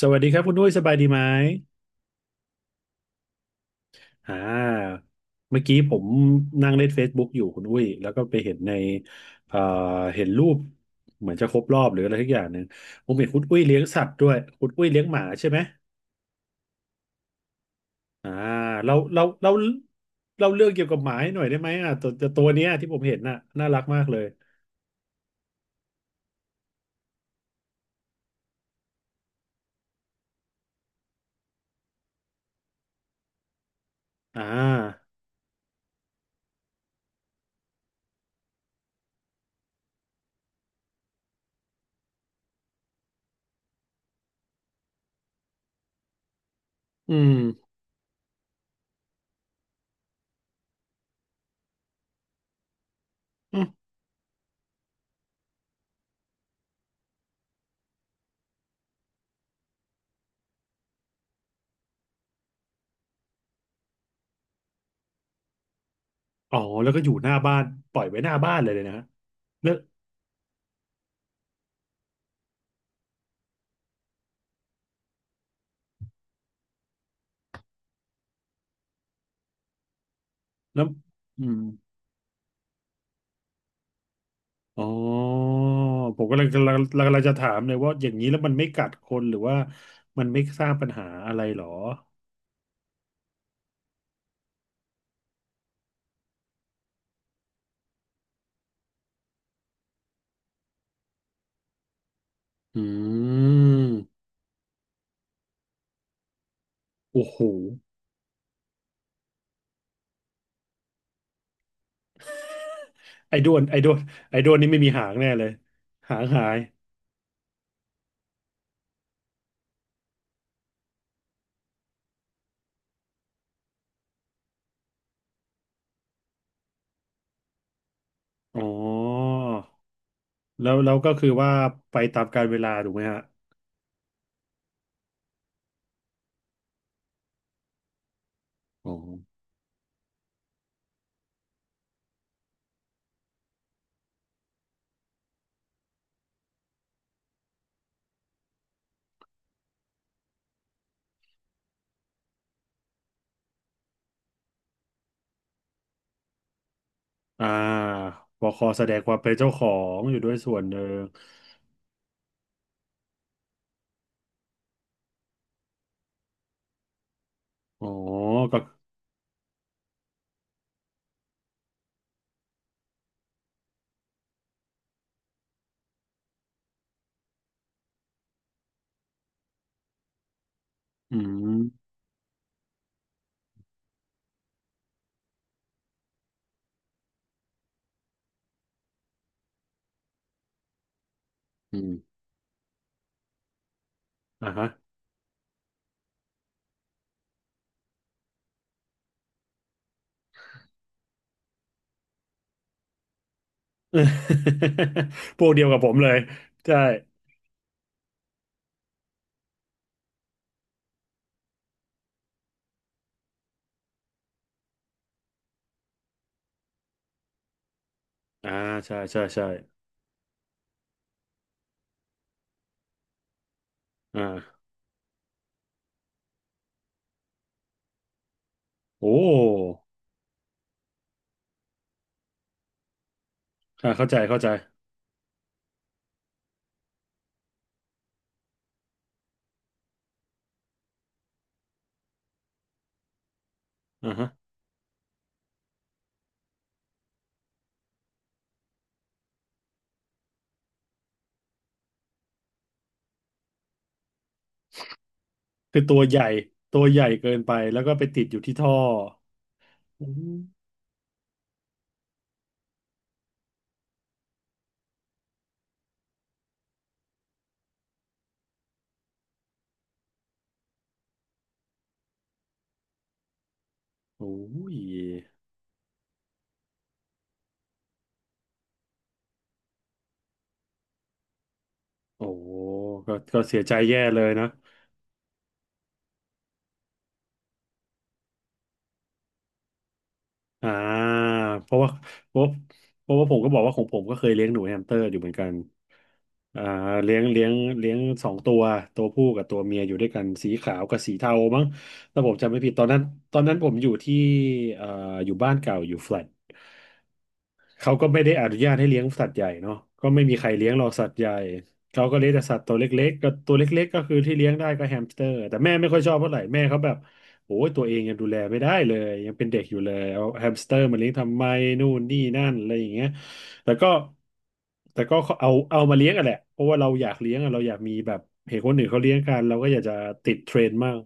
สวัสดีครับคุณอุ้ยสบายดีไหมอ่าเมื่อกี้ผมนั่งเล่น Facebook อยู่คุณอุ้ยแล้วก็ไปเห็นในเอ่อเห็นรูปเหมือนจะครบรอบหรืออะไรทุกอย่างหนึ่งผมเห็นคุณอุ้ยเลี้ยงสัตว์ด้วยคุณอุ้ยเลี้ยงหมาใช่ไหมอ่าเราเราเราเราเรื่องเกี่ยวกับหมาให้หน่อยได้ไหมอ่ะตัวเนี้ยที่ผมเห็นน่ะน่ารักมากเลยอ่าอืมอืมอ๋อ แล้วก็อยู่หน้าบ้านปล่อยไว้หน้าบ้านเลยเลยนะฮะแล้วแล้วอืม อ๋อผมกำลังจะถามเลยว่าอย่างนี้แล้วมันไม่กัดคนหรือว่ามันไม่สร้างปัญหาอะไรหรออืมโอ้โหไอ้ด้วนไอ้ด้วนไอ้ด้วนนี่ไม่มีหางแน่เลยหางหายอ๋อแล้วก็คือว่าไปตามกาลเวลาถูกไหมฮะอ๋ออ่าบคแสดงความเป็นเจ้าของอยู่ด้วยส่วนหนึ่งอ๋อก็อืมอืมอ่ะฮะ พวกเดียวกับผมเลยใช่ อ่าใช่ใช่ใช่อ่าโอ้อ่าเข้าใจเข้าใจอ่าฮะคือตัวใหญ่ตัวใหญ่เกินไปแล้วก็ไปติดอยู่ที่ท่ออืมโอ้ยโอ้ก็เสียใจแย่เลยนะอ่าเพราะว่าเพราะเพราะว่าผมก็บอกว่าของผมก็เคยเลี้ยงหนูแฮมสเตอร์อยู่เหมือนกันอ่าเลี้ยงเลี้ยงเลี้ยงสองตัวตัวผู้กับตัวเมียอยู่ด้วยกันสีขาวกับสีเทามั้งถ้าผมจำไม่ผิดตอนนั้นผมอยู่ที่เอ่ออยู่บ้านเก่าอยู่แฟลต เขาก็ไม่ได้อนุญาตให้เลี้ยงสัตว์ใหญ่เนาะก็ไม่มีใครเลี้ยงหรอกสัตว์ใหญ่เขาก็เลี้ยงแต่สัตว์ตัวเล็กๆก็ตัวเล็กๆก็คือที่เลี้ยงได้ก็แฮมสเตอร์แต่แม่ไม่ค่อยชอบเท่าไหร่แม่เขาแบบโอ้ยตัวเองยังดูแลไม่ได้เลยยังเป็นเด็กอยู่เลยเอาแฮมสเตอร์มาเลี้ยงทำไมนู่นนี่นั่นอะไรอย่างเงี้ยแต่ก็แต่ก็เอามาเลี้ยงอะแหละเพราะว่าเราอยากเลี้ยงอะเราอยากมีแบบเห็นคนอื่นเขาเลี้ยงกันเราก็อยากจะติดเทรนด์มั่ง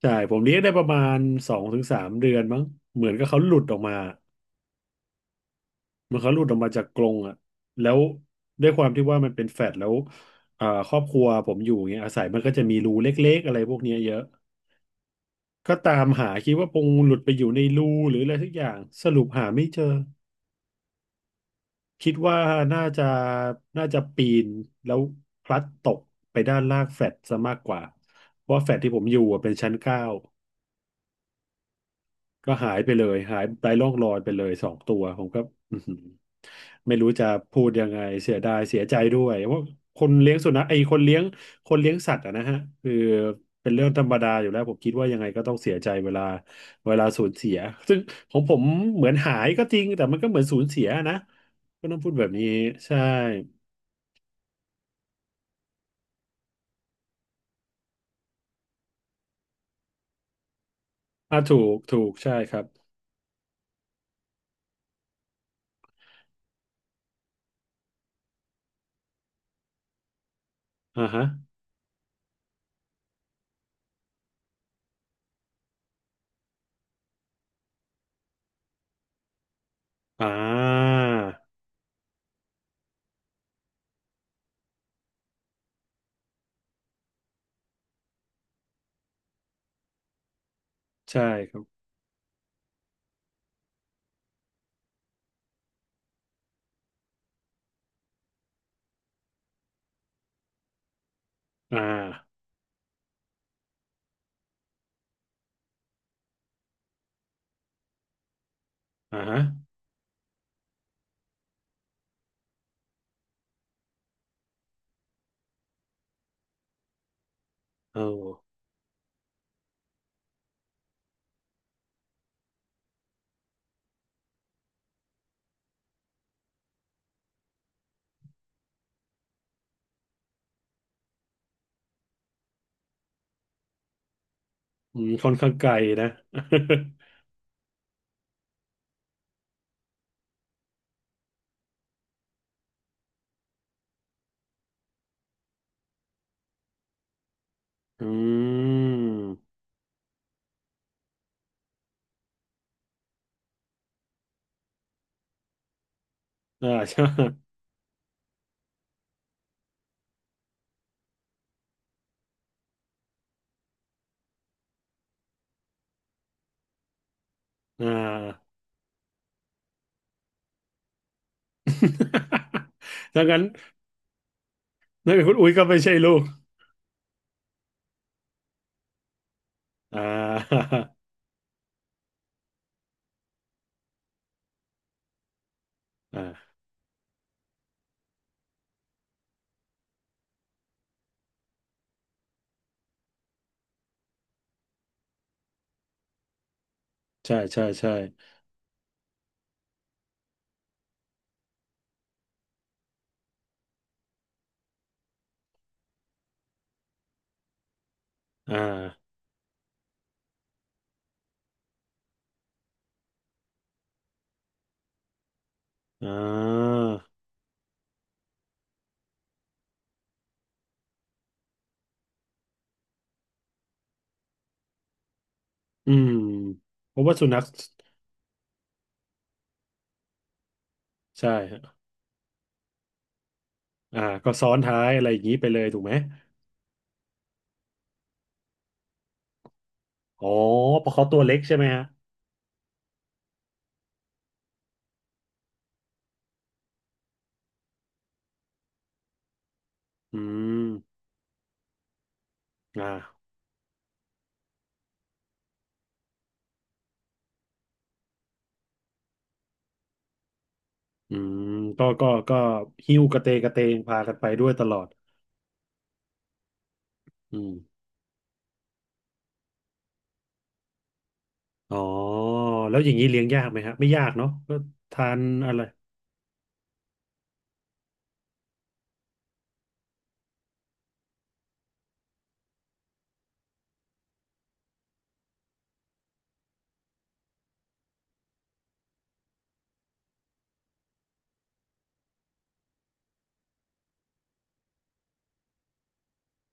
ใช่ผมเลี้ยงได้ประมาณสองถึงสามเดือนมั้งเหมือนกับเขาหลุดออกมา เหมันเขาหลุดออกมาจากกรงอ่ะแล้วด้วยความที่ว่ามันเป็นแฟลตแล้วอ่าครอบครัวผมอยู่เงี้ยอาศัยมันก็จะมีรูเล็กๆอะไรพวกเนี้ยเยอะก็ตามหาคิดว่าคงหลุดไปอยู่ในรูหรืออะไรสักอย่างสรุปหาไม่เจอคิดว่าน่าจะน่าจะปีนแล้วพลัดตกไปด้านล่างแฟลตซะมากกว่าเพราะว่าแฟลตที่ผมอยู่อะเป็นชั้นเก้า ก็หายไปเลยหายไร้ร่องรอยไปเลยสองตัวผมก็อื้อหือไม่รู้จะพูดยังไงเสียดายเสียใจด้วยว่าคนเลี้ยงสุนัขไอ้คนเลี้ยงคนเลี้ยงสัตว์อะนะฮะคือเป็นเรื่องธรรมดาอยู่แล้วผมคิดว่ายังไงก็ต้องเสียใจเวลาสูญเสียซึ่งของผมเหมือนหายก็จริงแต่มันก็เหมือนสูญเสียนะก็ต้องพูดแบบนี้ใช่อ่าถูกใช่ครับอ่าฮะอ่าใช่ครับอ่าอ่าฮะเอา อืมค่อนข้างไกลนะ อืม อ่า ใช่อ่า ดังนั้นนั่นคุณอุ้ยก็ไม่ใช่ลูก อ่า อ่าใช่ใช่ใช่อ่าอ่าอืมเพราะว่าสุนัขใช่ฮะอ่าก็ซ้อนท้ายอะไรอย่างนี้ไปเลยถูกไหม อ๋อเพราะเขาตัวเล็กใช่ไหมฮะอืมอ่าอืม ก็หิ้วกระเตงกระเตงพากันไปด้วยตลอดอืม อ๋อแล้วอย่างนี้เลี้ยงยากไหมฮะไม่ยากเนาะก็ทานอะไร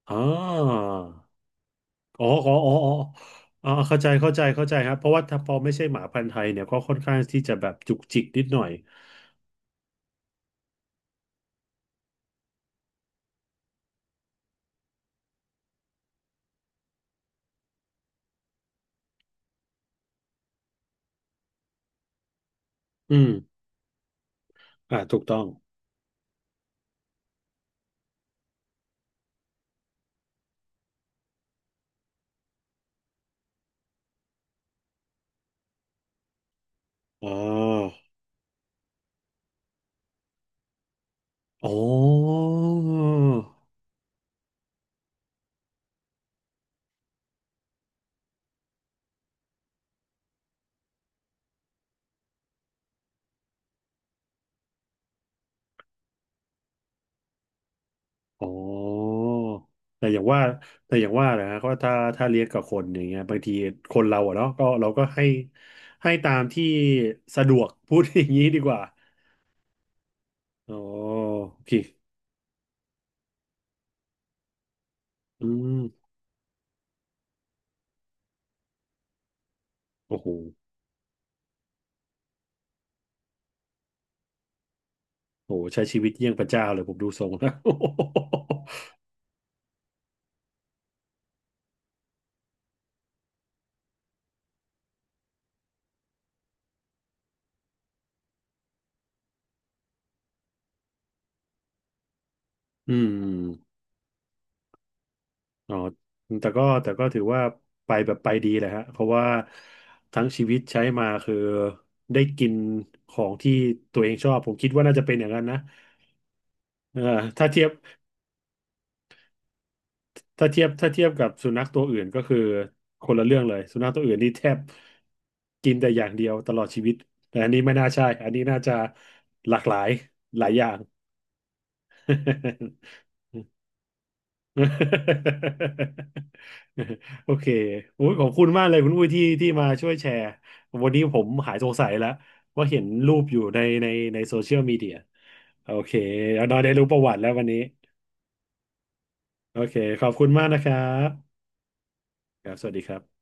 อ๋ออ๋ออ๋ออ๋ออ๋ออ๋อเข้าใจเข้าใจเข้าใจครับเพราะว่าถ้าพอไม่ใช่หมาพันธุ์ไทยเนี่ยก็ค่อนข้างที่จะแบบจุกจิกนิดหน่อยอืมอ่าถูกต้องอ๋ออ๋ออ๋อแต่อย่างว่าแต่อย่างว่านะฮะก็ถ้าเลี้ยงกับคนอย่างเงี้ยบางทีคนเราอะเนาะก็เราก็ให้ให้ตามที่สะดวกพูดอย่างนี้ดีกว่าอ๋อโอเค อืมโอ้โหโอ้โหใช้ชีวิตเยี่ยงพระเจ้าเลยผมดูทรงแล้ว อืมอ๋อแต่ก็ถือว่าไปแบบไปดีแหละฮะเพราะว่าทั้งชีวิตใช้มาคือได้กินของที่ตัวเองชอบ ผมคิดว่าน่าจะเป็นอย่างนั้นนะเออถ้าเทียบถ้าเทียบกับสุนัขตัวอื่นก็คือคนละเรื่องเลย สุนัขตัวอื่นนี่แทบกินแต่อย่างเดียวตลอดชีวิต แต่อันนี้ไม่น่าใช่ อันนี้น่าจะหลากหลายหลายอย่าง โอเคโอ้ยขอบคุณมากเลยคุณอุ้ยที่มาช่วยแชร์วันนี้ผมหายสงสัยแล้วว่าเห็นรูปอยู่ในโซเชียลมีเดียโอเคแล้วเราได้รู้ประวัติแล้ววันนี้โอเคขอบคุณมากนะครับครับสวัสดีครับ